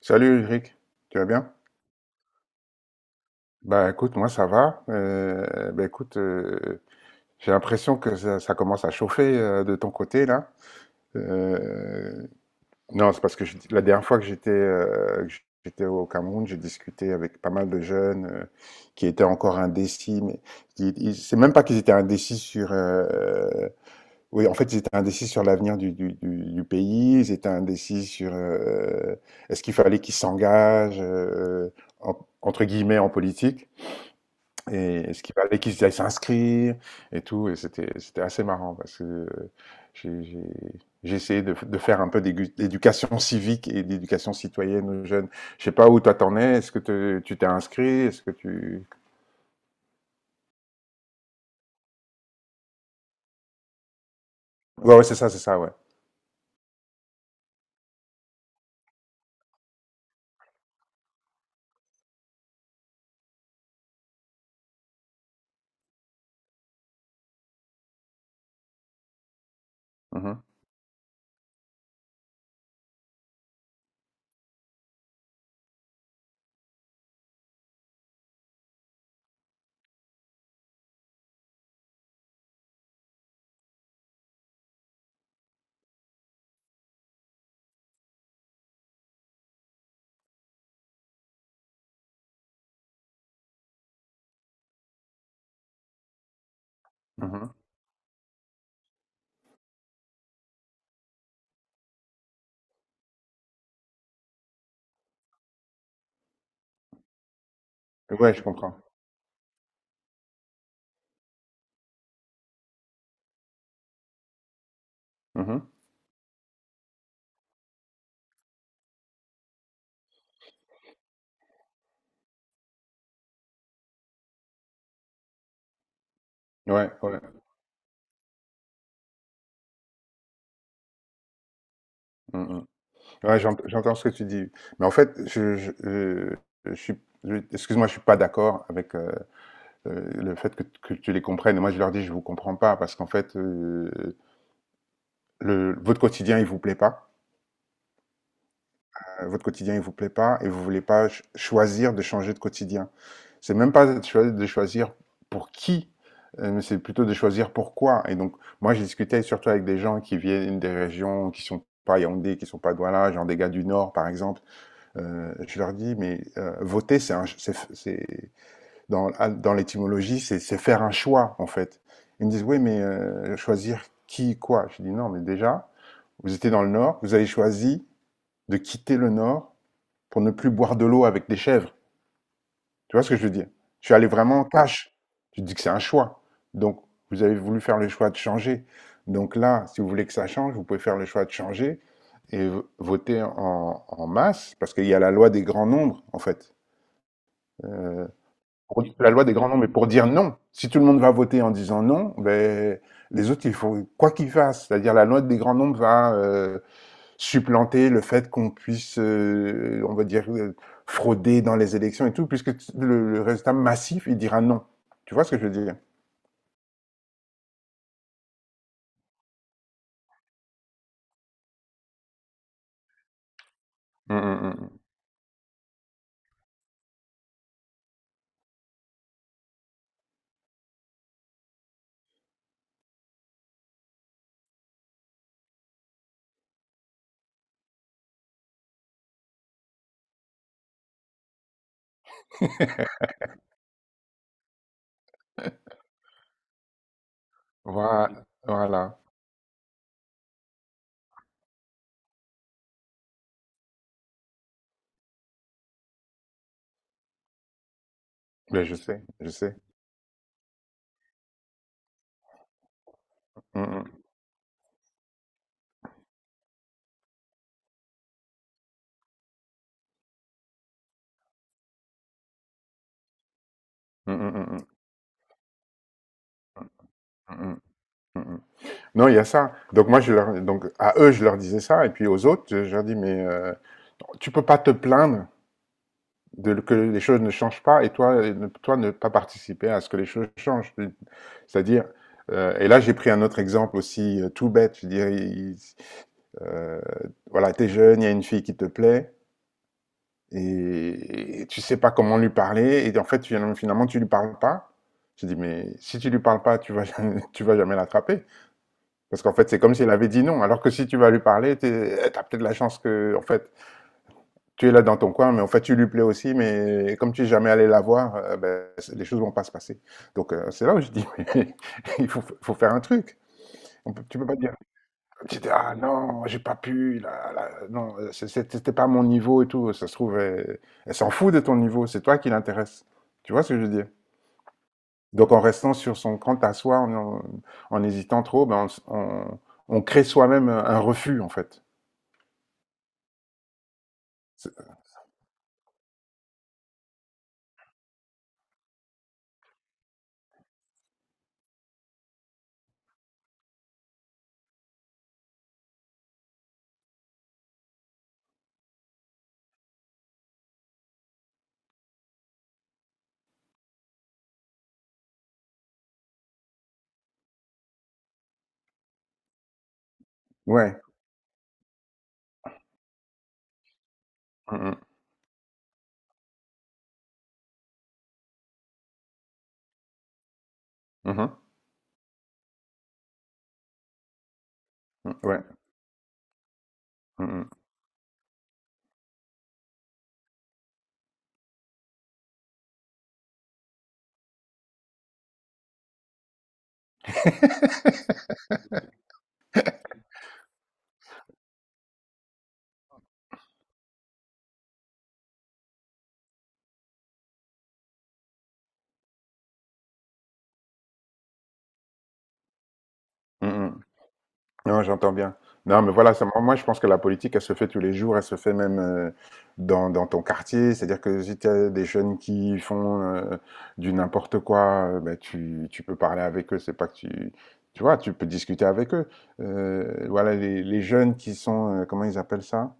Salut Eric, tu vas bien? Bah écoute, moi ça va. Bah écoute, j'ai l'impression que ça commence à chauffer de ton côté là. Euh, non, c'est parce que la dernière fois que j'étais au Cameroun, j'ai discuté avec pas mal de jeunes qui étaient encore indécis, mais c'est même pas qu'ils étaient indécis sur oui, en fait, ils étaient indécis sur l'avenir du pays, ils étaient indécis sur est-ce qu'il fallait qu'ils s'engagent, entre guillemets, en politique, et est-ce qu'il fallait qu'ils aillent s'inscrire, et tout, et c'était assez marrant, parce que j'ai, j'ai, j'ai essayé de faire un peu d'éducation civique et d'éducation citoyenne aux jeunes. Je sais pas où toi t'en es, est-ce que tu t'es inscrit, est-ce que tu... Ouais, ouais, c'est ça, ouais. Mhm, mhm. Ouais, je comprends. Mhm. Ouais, ouais. Mhm. Ouais, j'entends ce que tu dis. Mais en fait, je suis, excuse-moi, je suis pas d'accord avec le fait que tu les comprennes. Moi, je leur dis, je vous comprends pas, parce qu'en fait, votre quotidien, il vous plaît pas. Votre quotidien, il vous plaît pas, et vous voulez pas choisir de changer de quotidien. C'est même pas de de choisir pour qui, mais c'est plutôt de choisir pourquoi. Et donc, moi, j'ai discuté surtout avec des gens qui viennent des régions qui sont pas Yaoundé, qui sont pas Douala, genre des gars du Nord, par exemple. Je leur dis, mais voter, c'est un- c'est- dans, ah, dans l'étymologie, c'est faire un choix, en fait. Ils me disent, oui, mais choisir qui, quoi? Je dis, non, mais déjà, vous étiez dans le Nord, vous avez choisi de quitter le Nord pour ne plus boire de l'eau avec des chèvres. Tu vois ce que je veux dire? Je suis allé vraiment en cash. Je dis que c'est un choix. Donc, vous avez voulu faire le choix de changer. Donc là, si vous voulez que ça change, vous pouvez faire le choix de changer et voter en masse, parce qu'il y a la loi des grands nombres, en fait. euh, pour la loi des grands nombres mais pour dire non. Si tout le monde va voter en disant non, ben, les autres, il faut quoi qu'ils fassent. C'est-à-dire la loi des grands nombres va supplanter le fait qu'on puisse, on va dire, frauder dans les élections et tout, puisque résultat massif, il dira non. Tu vois ce que je veux dire? Mm, mm, mm. Voilà, voilà. Ben, je sais, je sais. Mm, mm, mm, mm, mm, mm, mm, mm. Non, il y a ça. Donc moi, donc à eux, je leur disais ça, et puis aux autres, je leur dis mais tu peux pas te plaindre de, que les choses ne changent pas et toi, et toi ne pas participer à ce que les choses changent. C'est-à-dire, et là j'ai pris un autre exemple aussi tout bête, je dirais, euh, voilà, t'es jeune, il y a une fille qui te plaît et tu sais pas comment lui parler et en fait finalement tu lui parles pas. Je dis mais si tu lui parles pas, tu vas jamais, tu vas jamais l'attraper parce qu'en fait c'est comme si elle avait dit non alors que si tu vas lui parler, t'as peut-être la chance que en fait tu es là dans ton coin, mais en fait, tu lui plais aussi, mais comme tu n'es jamais allé la voir, ben, les choses vont pas se passer. Donc, c'est là où je dis, mais il faut, faut faire un truc. Tu peux pas dire, tu dis, ah non, j'ai pas pu, là, là, non, c'était pas mon niveau et tout. Ça se trouve, elle, elle s'en fout de ton niveau, c'est toi qui l'intéresse. Tu vois ce que je veux dire? Donc, en restant sur son compte à soi, en hésitant trop, ben, on crée soi-même un refus, en fait. C'est- Ouais. Mhm. Mhm. Ouais. Mhm. Mmh mh. Non, j'entends bien. Non, mais voilà, ça, moi je pense que la politique, elle se fait tous les jours, elle se fait même dans, dans ton quartier. C'est-à-dire que si tu as des jeunes qui font du n'importe quoi, ben, tu peux parler avec eux. C'est pas que tu vois, tu peux discuter avec eux. Voilà, les jeunes qui sont, comment ils appellent ça?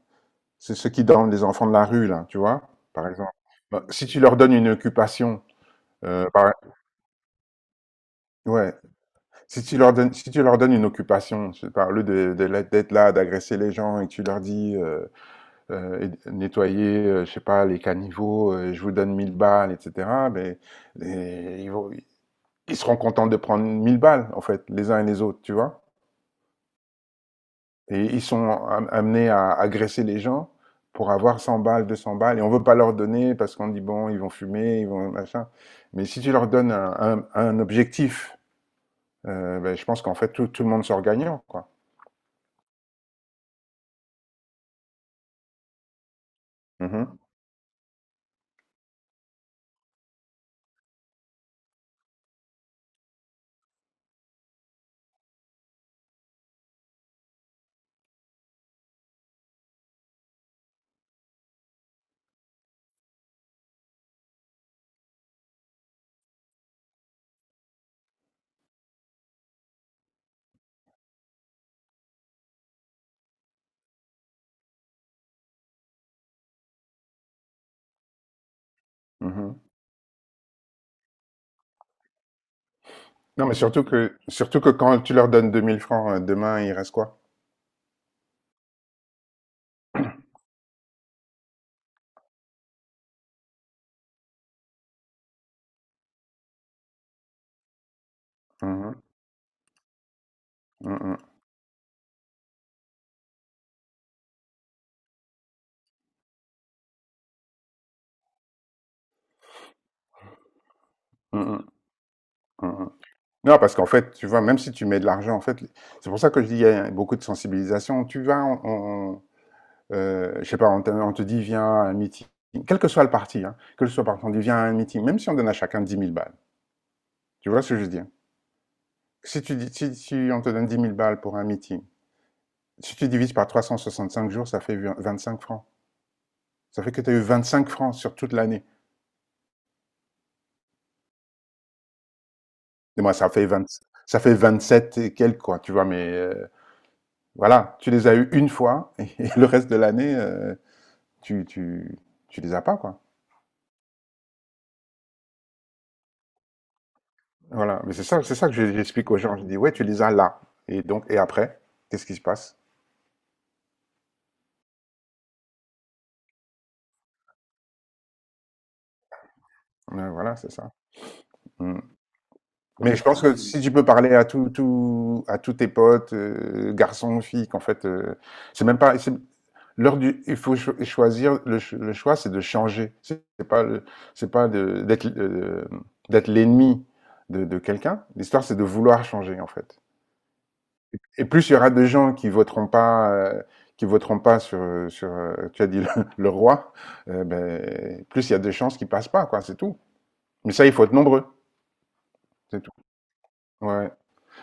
C'est ceux qui dorment les enfants de la rue, là, tu vois, par exemple. Ben, si tu leur donnes une occupation, euh, par- ouais, si tu leur donnes, si tu leur donnes une occupation, je parle de d'être là, d'agresser les gens et que tu leur dis nettoyer, je sais pas, les caniveaux, je vous donne 1000 balles, etc. Mais et ils, vont- ils seront contents de prendre 1000 balles, en fait, les uns et les autres, tu vois. Et ils sont amenés à agresser les gens pour avoir 100 balles, 200 balles, et on veut pas leur donner parce qu'on dit bon, ils vont fumer, ils vont machin. Mais si tu leur donnes un objectif, ben, je pense qu'en fait tout, tout le monde sort gagnant, quoi. Mhm. Mhm. Non, mais surtout que quand tu leur donnes 2000 francs, demain, il reste quoi? Mhm, mhm, mhm, mhm. Non, parce qu'en fait, tu vois, même si tu mets de l'argent, en fait, c'est pour ça que je dis, il y a beaucoup de sensibilisation. Tu vas, on- je sais pas, on te dit, viens à un meeting, quel que soit le parti, hein, quel que soit le parti, on dit, viens à un meeting, même si on donne à chacun 10 000 balles. Tu vois ce que je veux dire? Si tu dis, si on te donne 10 000 balles pour un meeting, si tu divises par 365 jours, ça fait 25 francs. Ça fait que tu as eu 25 francs sur toute l'année. Et moi, ça fait 20, ça fait 27 et quelques, quoi, tu vois, mais voilà, tu les as eu une fois, et, le reste de l'année, tu, tu, tu les as pas, quoi. Voilà, mais c'est ça que j'explique aux gens. Je dis, ouais, tu les as là. Et donc, et après, qu'est-ce qui se passe? Voilà, c'est ça. Mm. Mais je pense que si tu peux parler à tout, tout, à tous tes potes, garçons, filles, qu'en fait, c'est même pas, c'est- l'heure du, il faut choisir. Le choix, c'est de changer. C'est pas, d'être, d'être l'ennemi de quelqu'un. L'histoire, c'est de vouloir changer, en fait. Et plus il y aura de gens qui voteront pas tu as dit le roi, ben, plus il y a de chances qu'ils passent pas, quoi. C'est tout. Mais ça, il faut être nombreux. C'est tout. Ouais.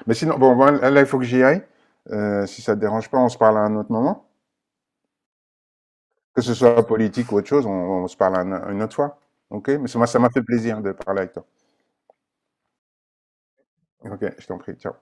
Mais sinon, bon, voilà, là, il faut que j'y aille. Si ça te dérange pas, on se parle à un autre moment. Que ce soit politique ou autre chose, on se parle une autre fois. OK? Mais ça m'a fait plaisir de parler avec toi. OK, je t'en prie. Ciao.